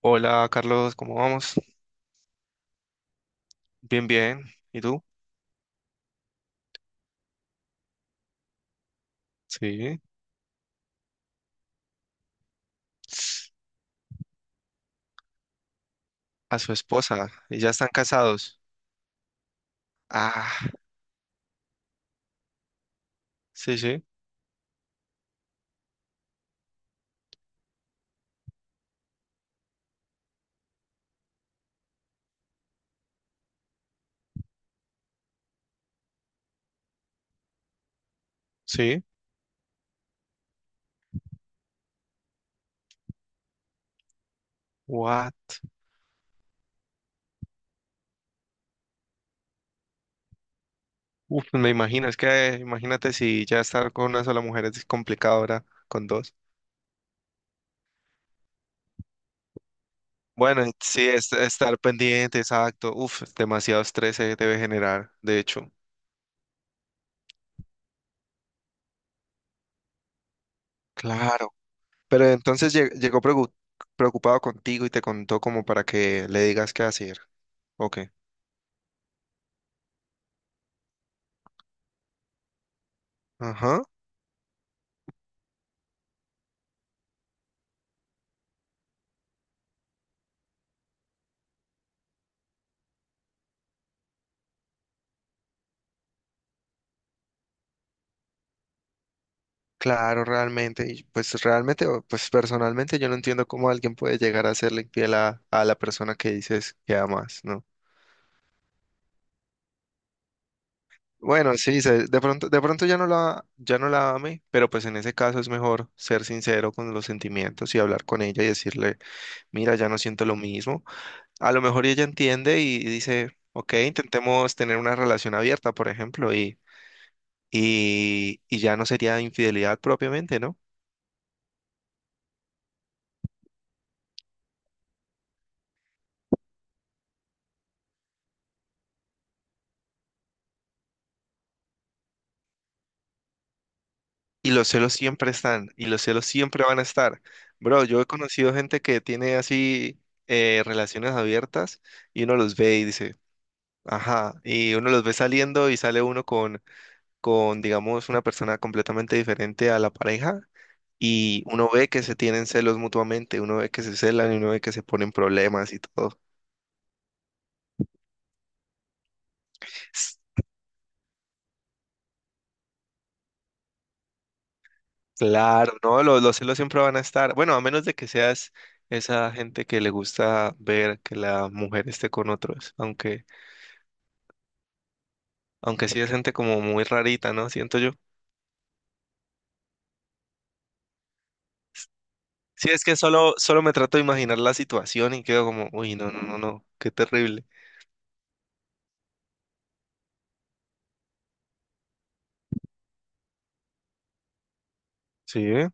Hola Carlos, ¿cómo vamos? Bien, bien. ¿Y tú? Sí. A su esposa. ¿Y ya están casados? Ah, sí, sí, sí. What? Uf, pues me imagino, es que imagínate si ya estar con una sola mujer es complicado ahora con dos. Bueno, sí, es, estar pendiente, exacto. Uf, demasiado estrés se debe generar, de hecho. Claro. Pero entonces llegó preocupado contigo y te contó como para que le digas qué hacer. Ok. Ajá. Claro, realmente, y pues realmente, pues personalmente yo no entiendo cómo alguien puede llegar a serle infiel a la persona que dices que amas, ¿no? Bueno, sí, de pronto ya no la ame, pero pues en ese caso es mejor ser sincero con los sentimientos y hablar con ella y decirle, mira, ya no siento lo mismo. A lo mejor ella entiende y dice, ok, intentemos tener una relación abierta, por ejemplo, y, y ya no sería infidelidad propiamente, ¿no? Y los celos siempre están, y los celos siempre van a estar. Bro, yo he conocido gente que tiene así, relaciones abiertas y uno los ve y dice, ajá, y uno los ve saliendo y sale uno con, digamos, una persona completamente diferente a la pareja y uno ve que se tienen celos mutuamente, uno ve que se celan y uno ve que se ponen problemas y todo. S- Claro, no, los celos siempre van a estar. Bueno, a menos de que seas esa gente que le gusta ver que la mujer esté con otros, aunque... Aunque sí es gente como muy rarita, ¿no? Siento yo. Sí, es que solo, solo me trato de imaginar la situación y quedo como, uy, no, no, no, no, qué terrible. Sí, ¿eh?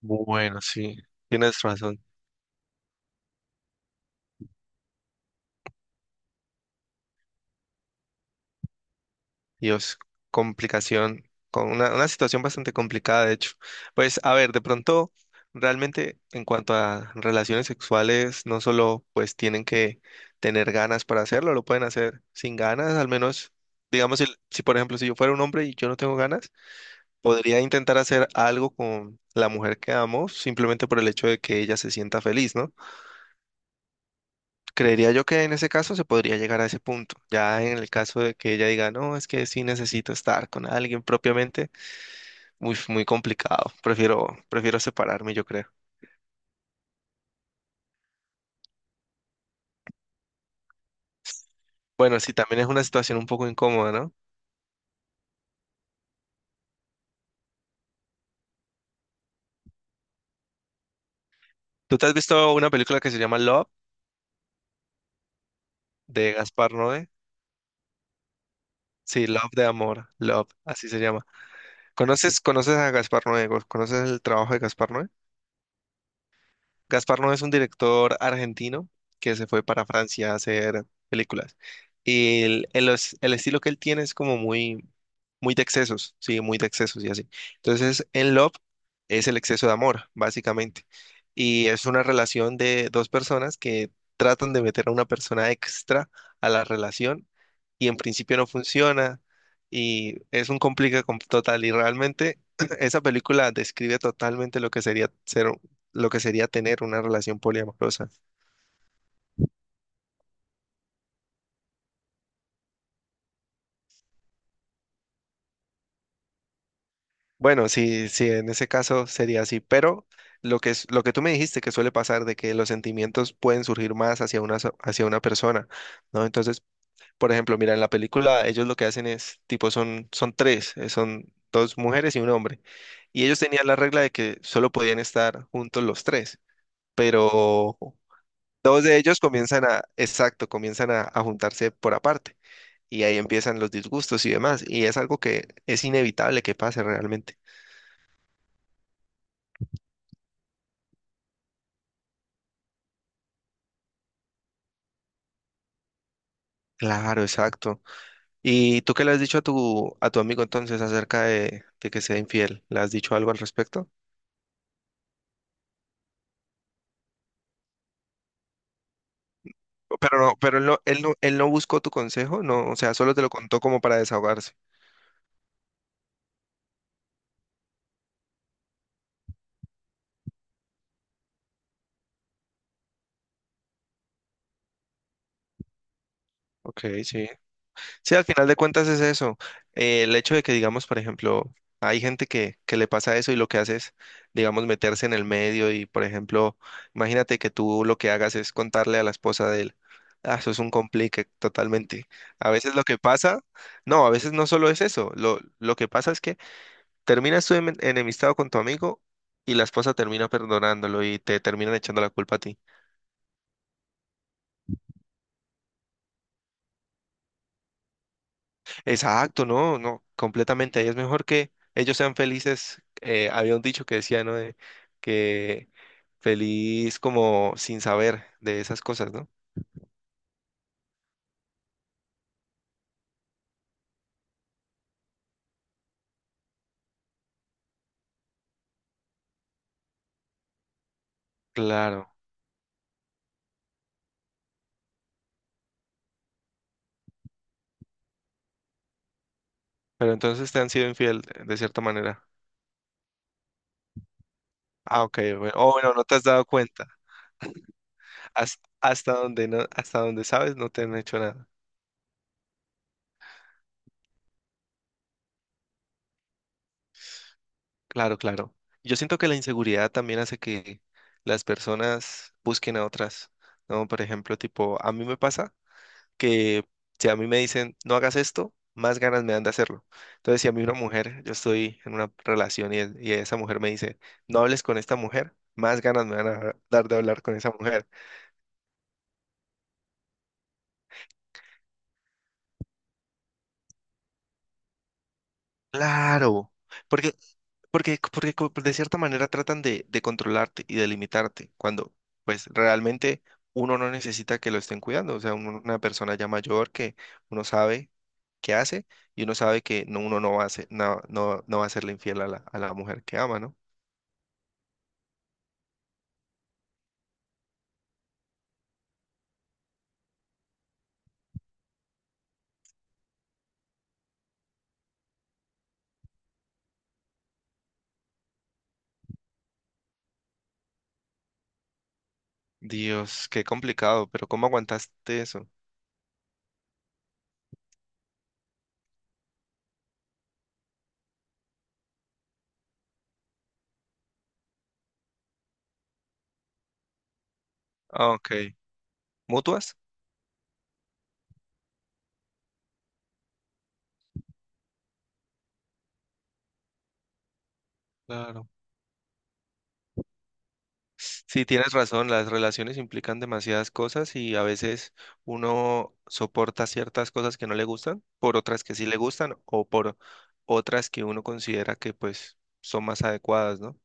Bueno, sí, tienes razón. Dios, complicación, con una situación bastante complicada, de hecho. Pues, a ver, de pronto, realmente, en cuanto a relaciones sexuales, no solo, pues, tienen que tener ganas para hacerlo, lo pueden hacer sin ganas, al menos, digamos, si, si por ejemplo, si yo fuera un hombre y yo no tengo ganas, podría intentar hacer algo con la mujer que amo simplemente por el hecho de que ella se sienta feliz, ¿no? Creería yo que en ese caso se podría llegar a ese punto. Ya en el caso de que ella diga, no, es que sí necesito estar con alguien propiamente, muy, muy complicado. Prefiero, prefiero separarme, yo creo. Bueno, sí, también es una situación un poco incómoda, ¿no? ¿Tú te has visto una película que se llama Love de Gaspar Noé? Sí, Love de amor, Love, así se llama. ¿Conoces, conoces a Gaspar Noé? ¿Conoces el trabajo de Gaspar Noé? Gaspar no es un director argentino que se fue para Francia a hacer películas. El estilo que él tiene es como muy, muy de excesos, sí, muy de excesos y así. Entonces, en Love es el exceso de amor, básicamente. Y es una relación de dos personas que tratan de meter a una persona extra a la relación y en principio no funciona y es un total y realmente esa película describe totalmente lo que sería tener una relación poliamorosa. Bueno, sí, sí, en ese caso sería así, pero lo que es, lo que tú me dijiste que suele pasar de que los sentimientos pueden surgir más hacia una, hacia una persona, ¿no? Entonces, por ejemplo, mira, en la película ellos lo que hacen es, tipo, son, son tres, son dos mujeres y un hombre, y ellos tenían la regla de que solo podían estar juntos los tres, pero dos de ellos comienzan a, exacto, comienzan a juntarse por aparte. Y ahí empiezan los disgustos y demás. Y es algo que es inevitable que pase realmente. Claro, exacto. ¿Y tú qué le has dicho a tu amigo entonces acerca de que sea infiel? ¿Le has dicho algo al respecto? Pero no, pero él no buscó tu consejo, no, o sea, solo te lo contó como para desahogarse. Ok, sí. Sí, al final de cuentas es eso. El hecho de que, digamos, por ejemplo, hay gente que le pasa eso y lo que hace es, digamos, meterse en el medio y, por ejemplo, imagínate que tú lo que hagas es contarle a la esposa de él. Ah, eso es un complique totalmente. A veces lo que pasa, no, a veces no solo es eso. Lo que pasa es que terminas tú enemistado con tu amigo y la esposa termina perdonándolo y te terminan echando la culpa a ti. Exacto, no, no, completamente. Ahí es mejor que ellos sean felices. Eh, había un dicho que decía, ¿no? De que feliz como sin saber de esas cosas, ¿no? Claro. Pero entonces te han sido infiel, de cierta manera. Ah, ok, bueno. Oh, bueno, no te has dado cuenta. Hasta, donde no, hasta donde sabes, no te han hecho nada. Claro, claro. Yo siento que la inseguridad también hace que las personas busquen a otras, ¿no? Por ejemplo, tipo, a mí me pasa que si a mí me dicen no hagas esto, más ganas me dan de hacerlo. Entonces, si a mí una mujer, yo estoy en una relación y, y esa mujer me dice no hables con esta mujer, más ganas me van a dar de hablar con esa mujer. Claro, porque, porque, de cierta manera tratan de controlarte y de limitarte, cuando pues realmente uno no necesita que lo estén cuidando. O sea, una persona ya mayor que uno sabe qué hace y uno sabe que no, uno no va a ser, no, no, no va a serle infiel a la mujer que ama, ¿no? Dios, qué complicado, pero ¿cómo aguantaste eso? Ah, ok. ¿Mutuas? Claro. Sí, tienes razón, las relaciones implican demasiadas cosas y a veces uno soporta ciertas cosas que no le gustan por otras que sí le gustan o por otras que uno considera que pues son más adecuadas, ¿no?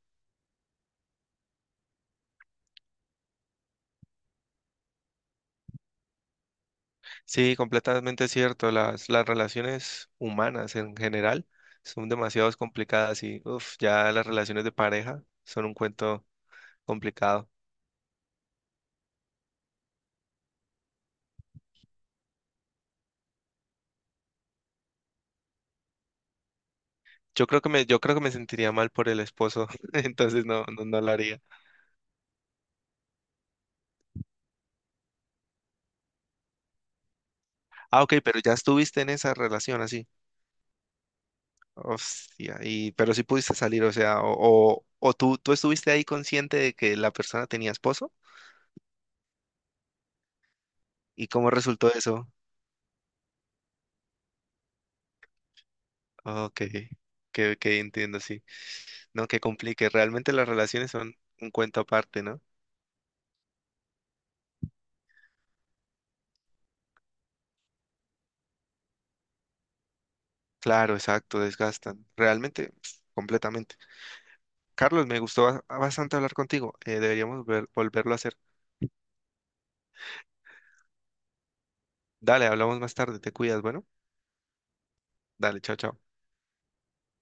Sí, completamente cierto, las relaciones humanas en general son demasiado complicadas y uf, ya las relaciones de pareja son un cuento complicado. Yo creo que me sentiría mal por el esposo, entonces no, no, no lo haría. Ah, ok, pero ya estuviste en esa relación así. Hostia, y, pero sí pudiste salir, o sea, o tú estuviste ahí consciente de que la persona tenía esposo, ¿y cómo resultó eso? Ok, que entiendo, sí. No, que complique, realmente las relaciones son un cuento aparte, ¿no? Claro, exacto, desgastan, realmente, pf, completamente. Carlos, me gustó bastante hablar contigo, deberíamos volverlo a hacer. Dale, hablamos más tarde, te cuidas, bueno. Dale, chao, chao.